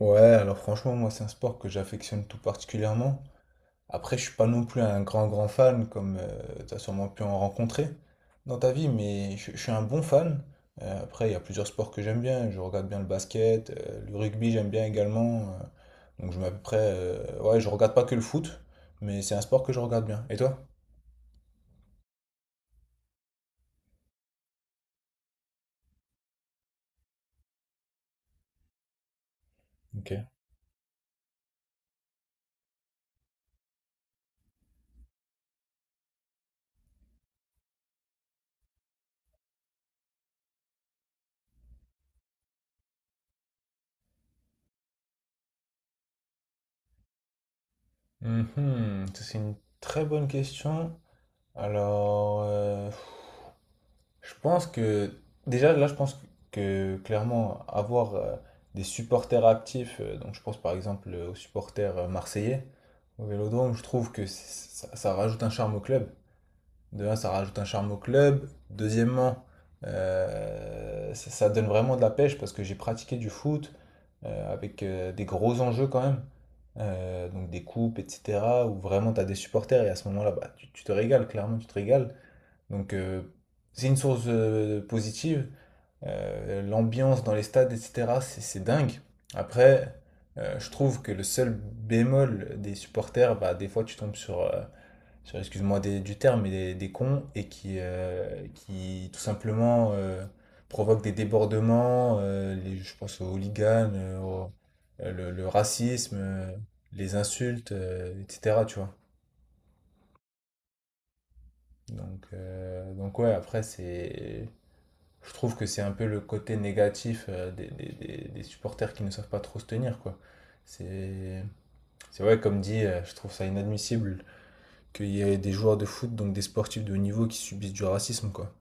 Ouais, alors franchement, moi, c'est un sport que j'affectionne tout particulièrement. Après, je suis pas non plus un grand fan, comme tu t'as sûrement pu en rencontrer dans ta vie, mais je suis un bon fan. Après, il y a plusieurs sports que j'aime bien. Je regarde bien le basket, le rugby, j'aime bien également. Donc, je mets à peu près. Ouais, je regarde pas que le foot, mais c'est un sport que je regarde bien. Et toi? Ok. Mhm, ça, c'est une très bonne question. Alors, je pense que déjà là, je pense que clairement avoir des supporters actifs, donc je pense par exemple aux supporters marseillais au Vélodrome, je trouve que ça, ça rajoute un charme au club. De un, ça rajoute un charme au club. Deuxièmement, ça, ça donne vraiment de la pêche parce que j'ai pratiqué du foot avec des gros enjeux quand même. Donc des coupes, etc. Où vraiment tu as des supporters et à ce moment-là, bah, tu te régales, clairement, tu te régales. Donc euh, c'est une source positive. L'ambiance dans les stades, etc., c'est dingue. Après, je trouve que le seul bémol des supporters, bah, des fois tu tombes sur, sur excuse-moi du terme, mais des cons et qui tout simplement provoquent des débordements. Les, je pense aux hooligans, le racisme, les insultes, etc., tu vois. Donc ouais, après, c'est je trouve que c'est un peu le côté négatif des, des supporters qui ne savent pas trop se tenir, quoi. C'est, c'est vrai, comme dit, je trouve ça inadmissible qu'il y ait des joueurs de foot, donc des sportifs de haut niveau, qui subissent du racisme, quoi.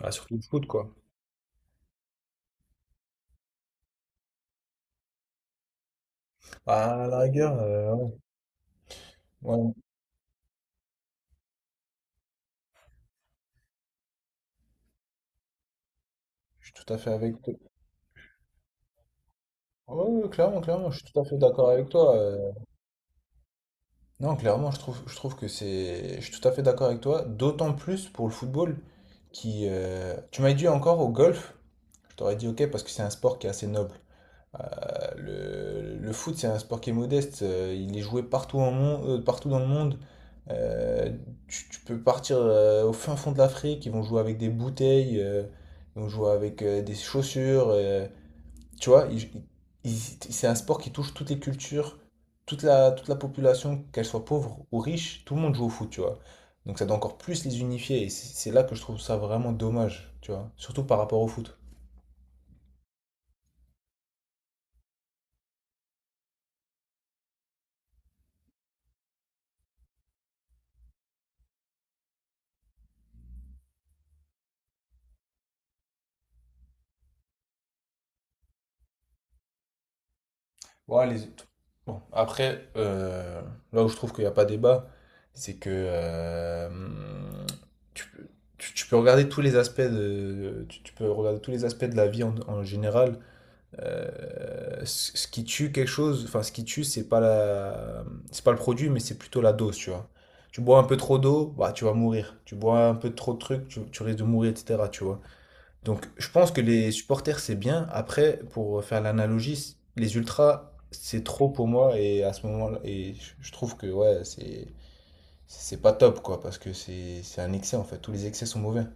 Bah, surtout le foot, quoi. Bah, à la rigueur, ouais, ouais, je suis tout à fait avec toi. Ouais, ouais, ouais, clairement, clairement, je suis tout à fait d'accord avec toi. Non, clairement, je trouve que c'est. Je suis tout à fait d'accord avec toi, d'autant plus pour le football qui. Tu m'as dit encore au golf, je t'aurais dit ok parce que c'est un sport qui est assez noble. Le foot, c'est un sport qui est modeste. Il est joué partout, partout dans le monde. Euh, Tu peux partir au fin fond de l'Afrique. Ils vont jouer avec des bouteilles. Ils vont jouer avec des chaussures. Tu vois, c'est un sport qui touche toutes les cultures, toute la population, qu'elle soit pauvre ou riche. Tout le monde joue au foot, tu vois. Donc ça doit encore plus les unifier. Et c'est là que je trouve ça vraiment dommage, tu vois. Surtout par rapport au foot. Ouais, les- bon, après, là où je trouve qu'il n'y a pas débat, c'est que tu, peux tu peux regarder tous les aspects de, tu peux regarder tous les aspects de la vie en général. Ce qui tue quelque chose, enfin, ce qui tue, c'est pas c'est pas le produit, mais c'est plutôt la dose, tu vois. Tu bois un peu trop d'eau, bah, tu vas mourir. Tu bois un peu trop de trucs, tu risques de mourir, etc., tu vois. Donc, je pense que les supporters, c'est bien. Après, pour faire l'analogie, les ultras, c'est trop pour moi. Et à ce moment-là, et je trouve que ouais, c'est pas top, quoi, parce que c'est un excès en fait. Tous les excès sont mauvais.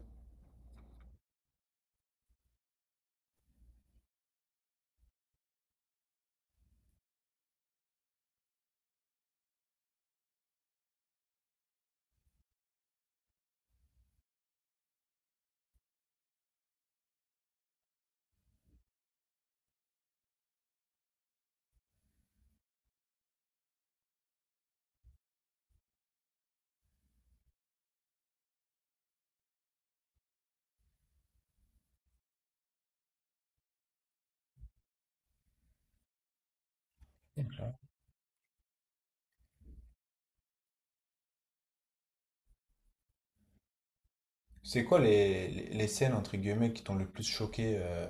C'est quoi les, les scènes entre guillemets qui t'ont le plus choqué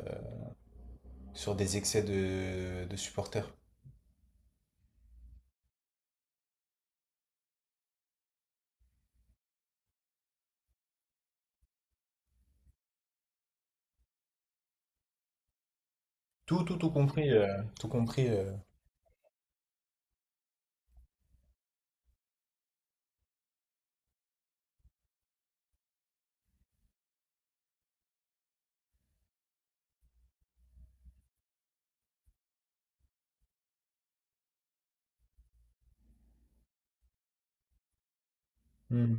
sur des excès de supporters? Tout, tout, tout compris, tout compris. Hmm.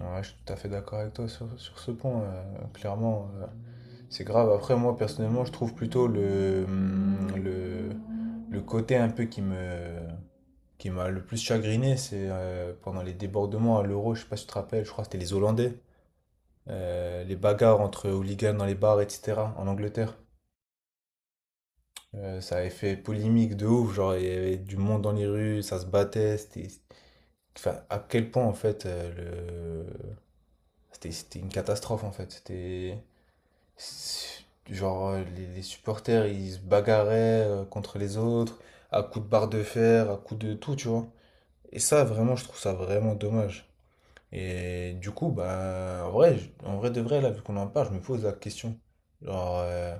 Ouais, je suis tout à fait d'accord avec toi sur ce point. Clairement, c'est grave. Après, moi, personnellement, je trouve plutôt le côté un peu qui m'a le plus chagriné, c'est pendant les débordements à l'Euro, je sais pas si tu te rappelles, je crois que c'était les Hollandais, les bagarres entre hooligans dans les bars, etc., en Angleterre. Ça avait fait polémique de ouf, genre il y avait du monde dans les rues, ça se battait, c'était... Enfin, à quel point, en fait, le... c'était, c'était une catastrophe, en fait. C'était... C'est- Genre, les supporters, ils se bagarraient contre les autres, à coups de barre de fer, à coups de tout, tu vois. Et ça, vraiment, je trouve ça vraiment dommage. Et du coup, bah, en vrai de vrai, là, vu qu'on en parle, je me pose la question. Genre,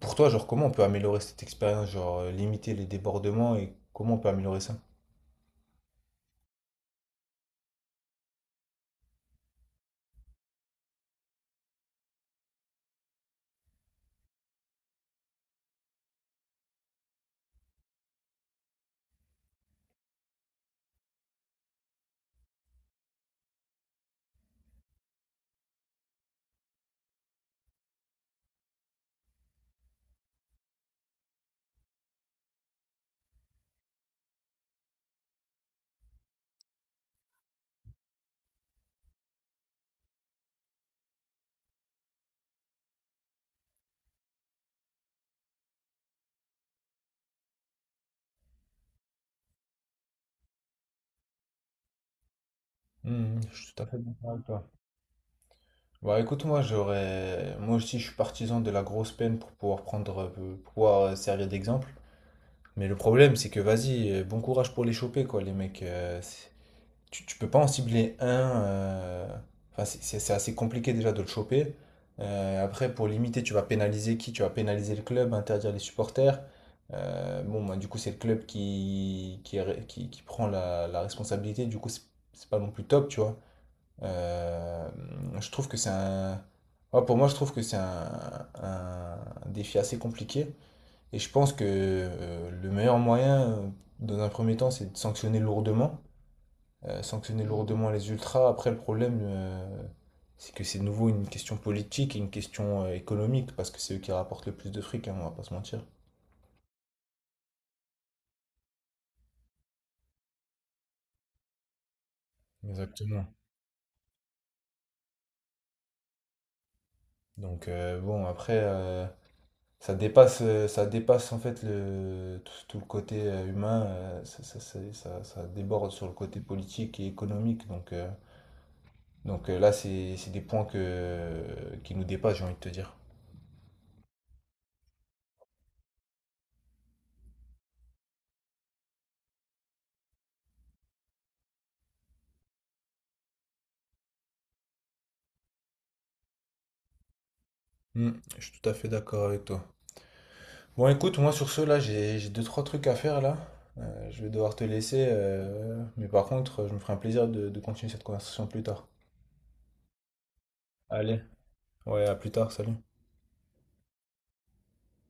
pour toi, genre, comment on peut améliorer cette expérience? Genre, limiter les débordements et comment on peut améliorer ça? Mhm, je suis tout à fait d'accord avec toi. Bah écoute, moi j'aurais. Moi aussi, je suis partisan de la grosse peine pour pouvoir prendre, pour pouvoir servir d'exemple. Mais le problème, c'est que vas-y, bon courage pour les choper, quoi, les mecs. Tu peux pas en cibler un. euh, Enfin, c'est assez compliqué déjà de le choper. Après, pour limiter, tu vas pénaliser qui? Tu vas pénaliser le club, interdire les supporters. Bon, bah, du coup, c'est le club qui prend la responsabilité. Du coup, c'est pas non plus top, tu vois. Euh, je trouve que c'est un. Ouais, pour moi, je trouve que c'est un défi assez compliqué. Et je pense que le meilleur moyen, dans un premier temps, c'est de sanctionner lourdement. Sanctionner lourdement les ultras. Après, le problème, c'est que c'est de nouveau une question politique et une question économique, parce que c'est eux qui rapportent le plus de fric, hein, on va pas se mentir. Exactement. Donc, bon, après, ça dépasse en fait tout le côté humain, ça déborde sur le côté politique et économique. Donc, là, c'est des points qui nous dépassent, j'ai envie de te dire. Mm, je suis tout à fait d'accord avec toi. Bon, écoute, moi sur ce, là, j'ai deux, trois trucs à faire là. Je vais devoir te laisser, mais par contre, je me ferai un plaisir de continuer cette conversation plus tard. Allez, ouais, à plus tard, salut.